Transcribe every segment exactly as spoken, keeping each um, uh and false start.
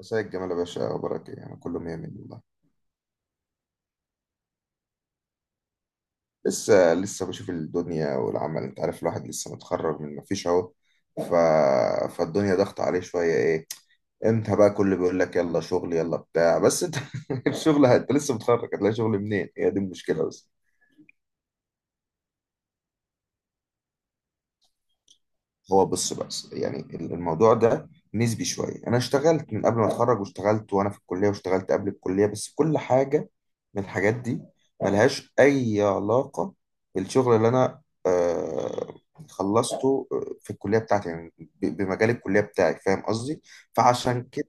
مساء الجمال يا باشا، اخبارك ايه؟ انا كله مية مية والله. لسه لسه بشوف الدنيا والعمل، انت عارف الواحد لسه متخرج من مفيش اهو. ف... فالدنيا ضغط عليه شويه، ايه امتى بقى كله بيقول لك يلا شغل يلا بتاع؟ بس انت الشغل انت لسه متخرج، هتلاقي شغل منين؟ هي دي المشكله بس. هو بص، بس يعني الموضوع ده نسبي شويه. انا اشتغلت من قبل ما اتخرج، واشتغلت وانا في الكليه، واشتغلت قبل الكليه، بس كل حاجه من الحاجات دي ملهاش أي علاقة بالشغل اللي أنا آه، خلصته آه، في الكلية بتاعتي، يعني ب- بمجال الكلية بتاعي، فاهم قصدي؟ فعشان كده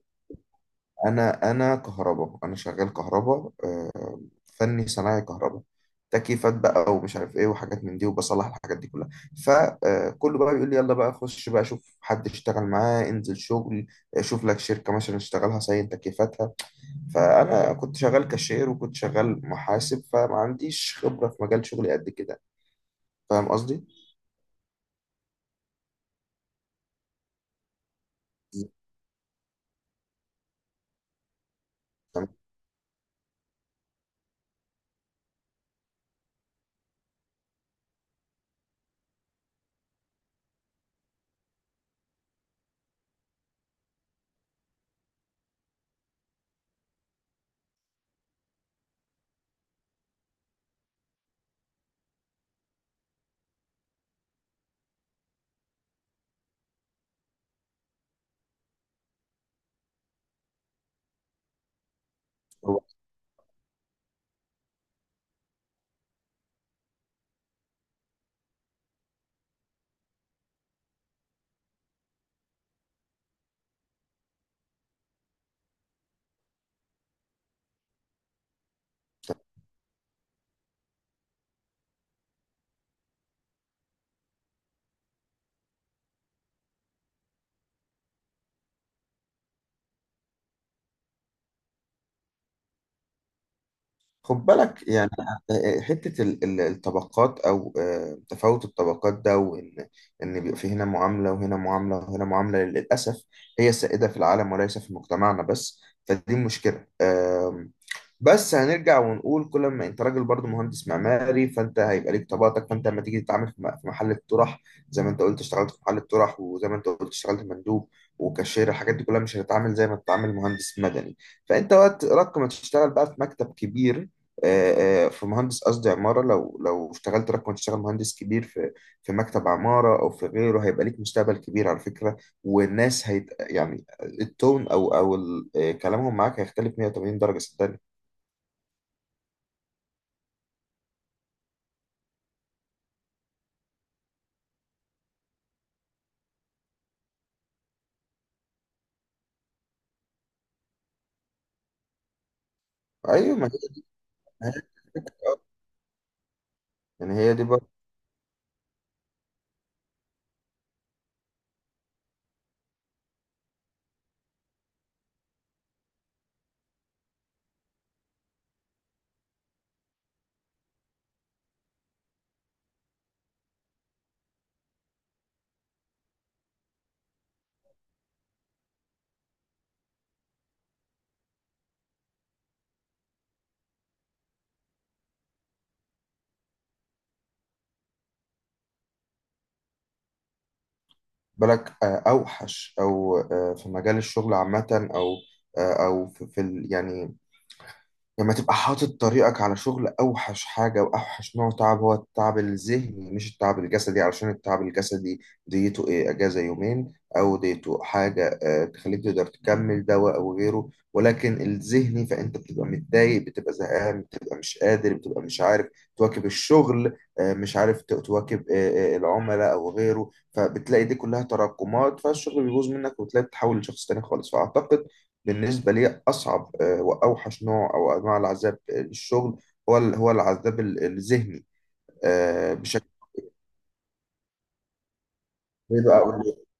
أنا أنا كهرباء، أنا شغال كهرباء، آه، فني صناعي كهرباء، تكييفات بقى ومش عارف ايه وحاجات من دي، وبصلح الحاجات دي كلها. فكله بقى بيقول لي يلا بقى خش بقى شوف حد اشتغل معاه، انزل شغل، آه، شوف لك شركة مثلا اشتغلها صين تكييفاتها. فانا كنت شغال كاشير وكنت شغال محاسب، فما عنديش خبره في مجال شغلي قد كده، فاهم قصدي؟ تمام. خد بالك يعني، حته ال- ال- الطبقات او آه، تفاوت الطبقات ده، وان ان بيبقى في هنا معامله وهنا معامله وهنا معامله، للاسف هي السائده في العالم وليس في مجتمعنا بس. فدي مشكله. بس هنرجع ونقول، كل ما انت راجل برضو مهندس معماري فانت هيبقى ليك طبقاتك. فانت لما تيجي تتعامل في م- في محل الطرح، زي ما انت قلت اشتغلت في محل الطرح، وزي ما انت قلت اشتغلت مندوب وكاشير، الحاجات دي كلها مش هتتعامل زي ما تتعامل مهندس مدني. فانت وقت رق ما تشتغل بقى في مكتب كبير، آه، آه، في مهندس قصدي عمارة، لو لو اشتغلت رقم تشتغل مهندس كبير في في مكتب عمارة أو في غيره، هيبقى ليك مستقبل كبير على فكرة. والناس هيت يعني التون أو أو ال- آه، كلامهم معاك هيختلف مية وتمانين درجة، صدقني. ايوه، ما هي يعني هي دي بقى. بالك آه، اوحش او آه، في مجال الشغل عامه، او آه، او في في ال- يعني لما تبقى حاطط طريقك على شغل، أوحش حاجة وأوحش نوع تعب هو التعب الذهني مش التعب الجسدي. علشان التعب الجسدي ديته إيه، أجازة يومين أو ديته حاجة آه، تخليك تقدر تكمل دواء أو غيره. ولكن الذهني، فأنت بتبقى متضايق، بتبقى زهقان، بتبقى مش قادر، بتبقى مش عارف تواكب الشغل، آه، مش عارف ت- تواكب آه، آه، العملاء أو غيره. فبتلاقي دي كلها تراكمات، فالشغل بيبوظ منك وتلاقي بتتحول لشخص تاني خالص. فأعتقد بالنسبة لي أصعب آه، وأوحش نوع أو أنواع العذاب آه، للشغل هو ال- هو العذاب ال- الذهني، آه، بشكل كبير بقى، أقول لك.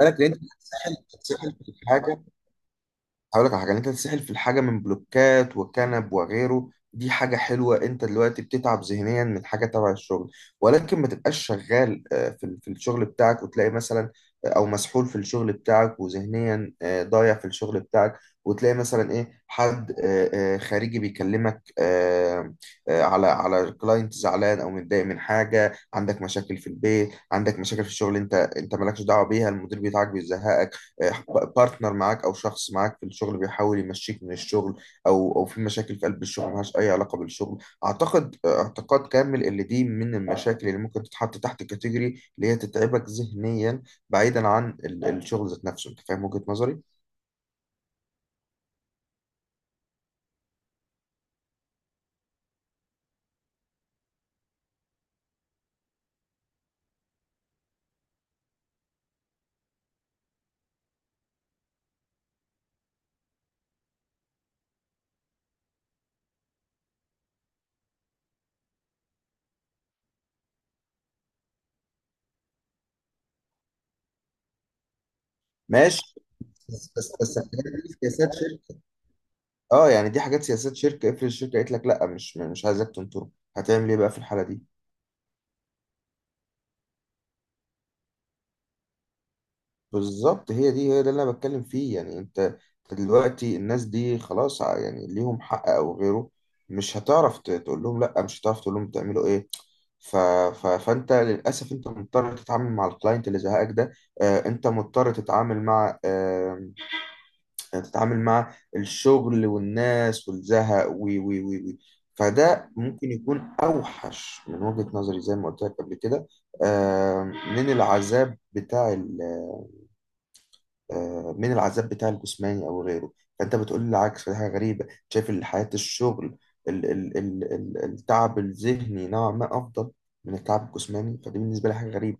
بالك، لأن أنت بتتسحل بتتسحل في الحاجة. هقول لك على حاجه، إن انت تتسحل في الحاجه من بلوكات وكنب وغيره، دي حاجه حلوه. انت دلوقتي بتتعب ذهنيا من حاجه تبع الشغل، ولكن ما تبقاش شغال آه، في ال- في الشغل بتاعك وتلاقي مثلا آه، او مسحول في الشغل بتاعك، وذهنيا آه، ضايع في الشغل بتاعك، وتلاقي مثلا ايه حد آه، آه، خارجي بيكلمك آه، آه، على على كلاينت زعلان او متضايق من حاجه، عندك مشاكل في البيت، عندك مشاكل في الشغل انت انت مالكش دعوه بيها، المدير بتاعك بيزهقك، بارتنر معاك او شخص معاك في الشغل بيحاول يمشيك من الشغل، او او في مشاكل في قلب الشغل ملهاش اي علاقه بالشغل. اعتقد اعتقاد كامل اللي دي من المشاكل اللي ممكن تتحط تحت كاتيجوري اللي هي تتعبك ذهنيا، بعيدا عن ال- الشغل ذات نفسه. انت فاهم وجهه نظري؟ ماشي، بس بس بس الحاجات دي سياسات شركه. اه يعني دي حاجات سياسات شركه، افرض الشركه قالت لك لا مش مش عايزك تنطر، هتعمل ايه بقى في الحاله دي؟ بالظبط، هي دي هي ده اللي انا بتكلم فيه. يعني انت أنت دلوقتي الناس دي خلاص ع- يعني ليهم حق او غيره، مش هتعرف ت- تقول لهم لا، مش هتعرف تقول لهم تعملوا ايه. ف... ف... فانت للاسف انت مضطر تتعامل مع الكلاينت اللي زهقك ده، آه انت مضطر تتعامل مع آه تتعامل مع الشغل والناس والزهق و... و... و... و... فده ممكن يكون اوحش من وجهة نظري، زي ما قلت لك قبل كده، آه من العذاب بتاع آه، من العذاب بتاع الجسماني او غيره. فانت بتقول لي العكس، فدي حاجه غريبه. شايف ان حياه الشغل ال ال ال ال التعب الذهني نوعا ما افضل من التعب الجسماني، فدي بالنسبه لي حاجه غريبه.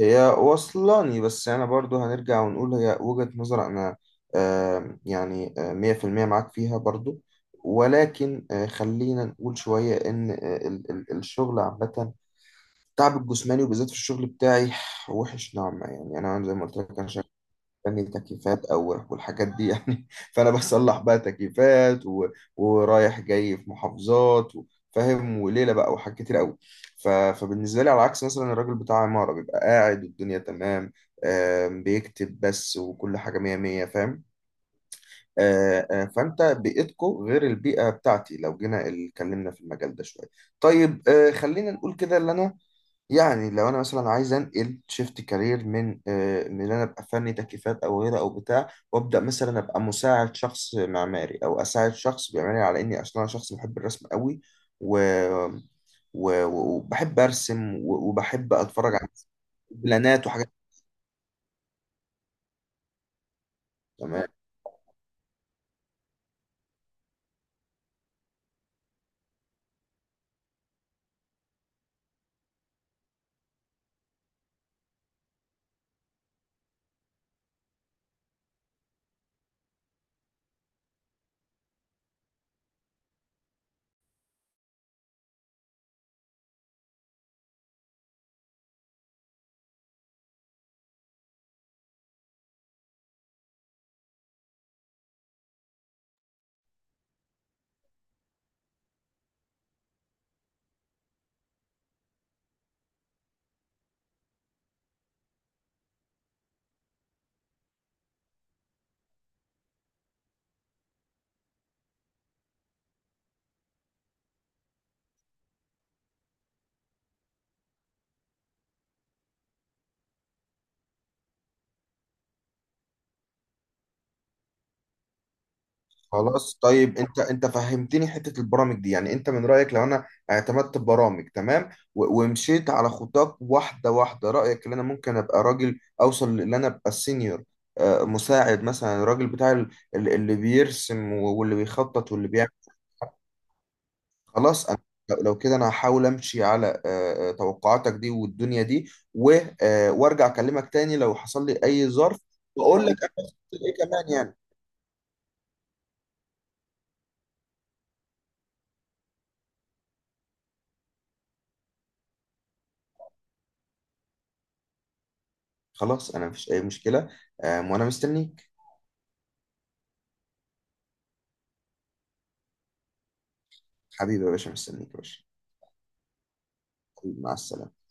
هي وصلاني، بس انا برضو هنرجع ونقول هي وجهه نظر. انا آه، يعني آه، مية في المية معاك فيها برضو، ولكن آه، خلينا نقول شويه ان آه، ال ال الشغل عامه، التعب الجسماني وبالذات في الشغل بتاعي وحش نوعا ما. يعني انا زي ما قلت لك انا يعني تكييفات او والحاجات دي يعني فانا بصلح بقى تكييفات و... ورايح جاي في محافظات و... فاهم، وليله بقى وحاجات كتير قوي. ف... فبالنسبه لي على عكس مثلا الراجل بتاع عماره بيبقى قاعد والدنيا تمام، آم، بيكتب بس وكل حاجه مية مية، فاهم؟ آه، آه، فانت بيئتكو غير البيئه بتاعتي. لو جينا اتكلمنا في المجال ده شويه، طيب آه، خلينا نقول كده، اللي انا يعني لو انا مثلا عايز انقل شيفت كارير من آه، من ان انا ابقى فني تكييفات او غيره او بتاع، وابدا مثلا ابقى مساعد شخص معماري او اساعد شخص بيعملي، على اني اصلا انا شخص بحب الرسم قوي و... و... وبحب ارسم و- وبحب اتفرج على بلانات وحاجات، تمام؟ خلاص. طيب انت انت فهمتني حته البرامج دي. يعني انت من رايك لو انا اعتمدت ببرامج تمام و- ومشيت على خطاك واحده واحده، رايك ان انا ممكن ابقى راجل اوصل لان انا ابقى السينيور، آه، مساعد مثلا الراجل بتاع ال- ال- اللي بيرسم و- واللي بيخطط واللي بيعمل. خلاص انا، لو لو كده انا هحاول امشي على آه، آه، توقعاتك دي والدنيا دي و- آه، وارجع اكلمك تاني لو حصل لي اي ظرف، واقول لك انا عملت ايه كمان يعني. خلاص، انا مفيش اي مشكله، آه، وانا مستنيك. حبيبي يا باشا، مستنيك يا باشا. حبيبي، مع السلامة.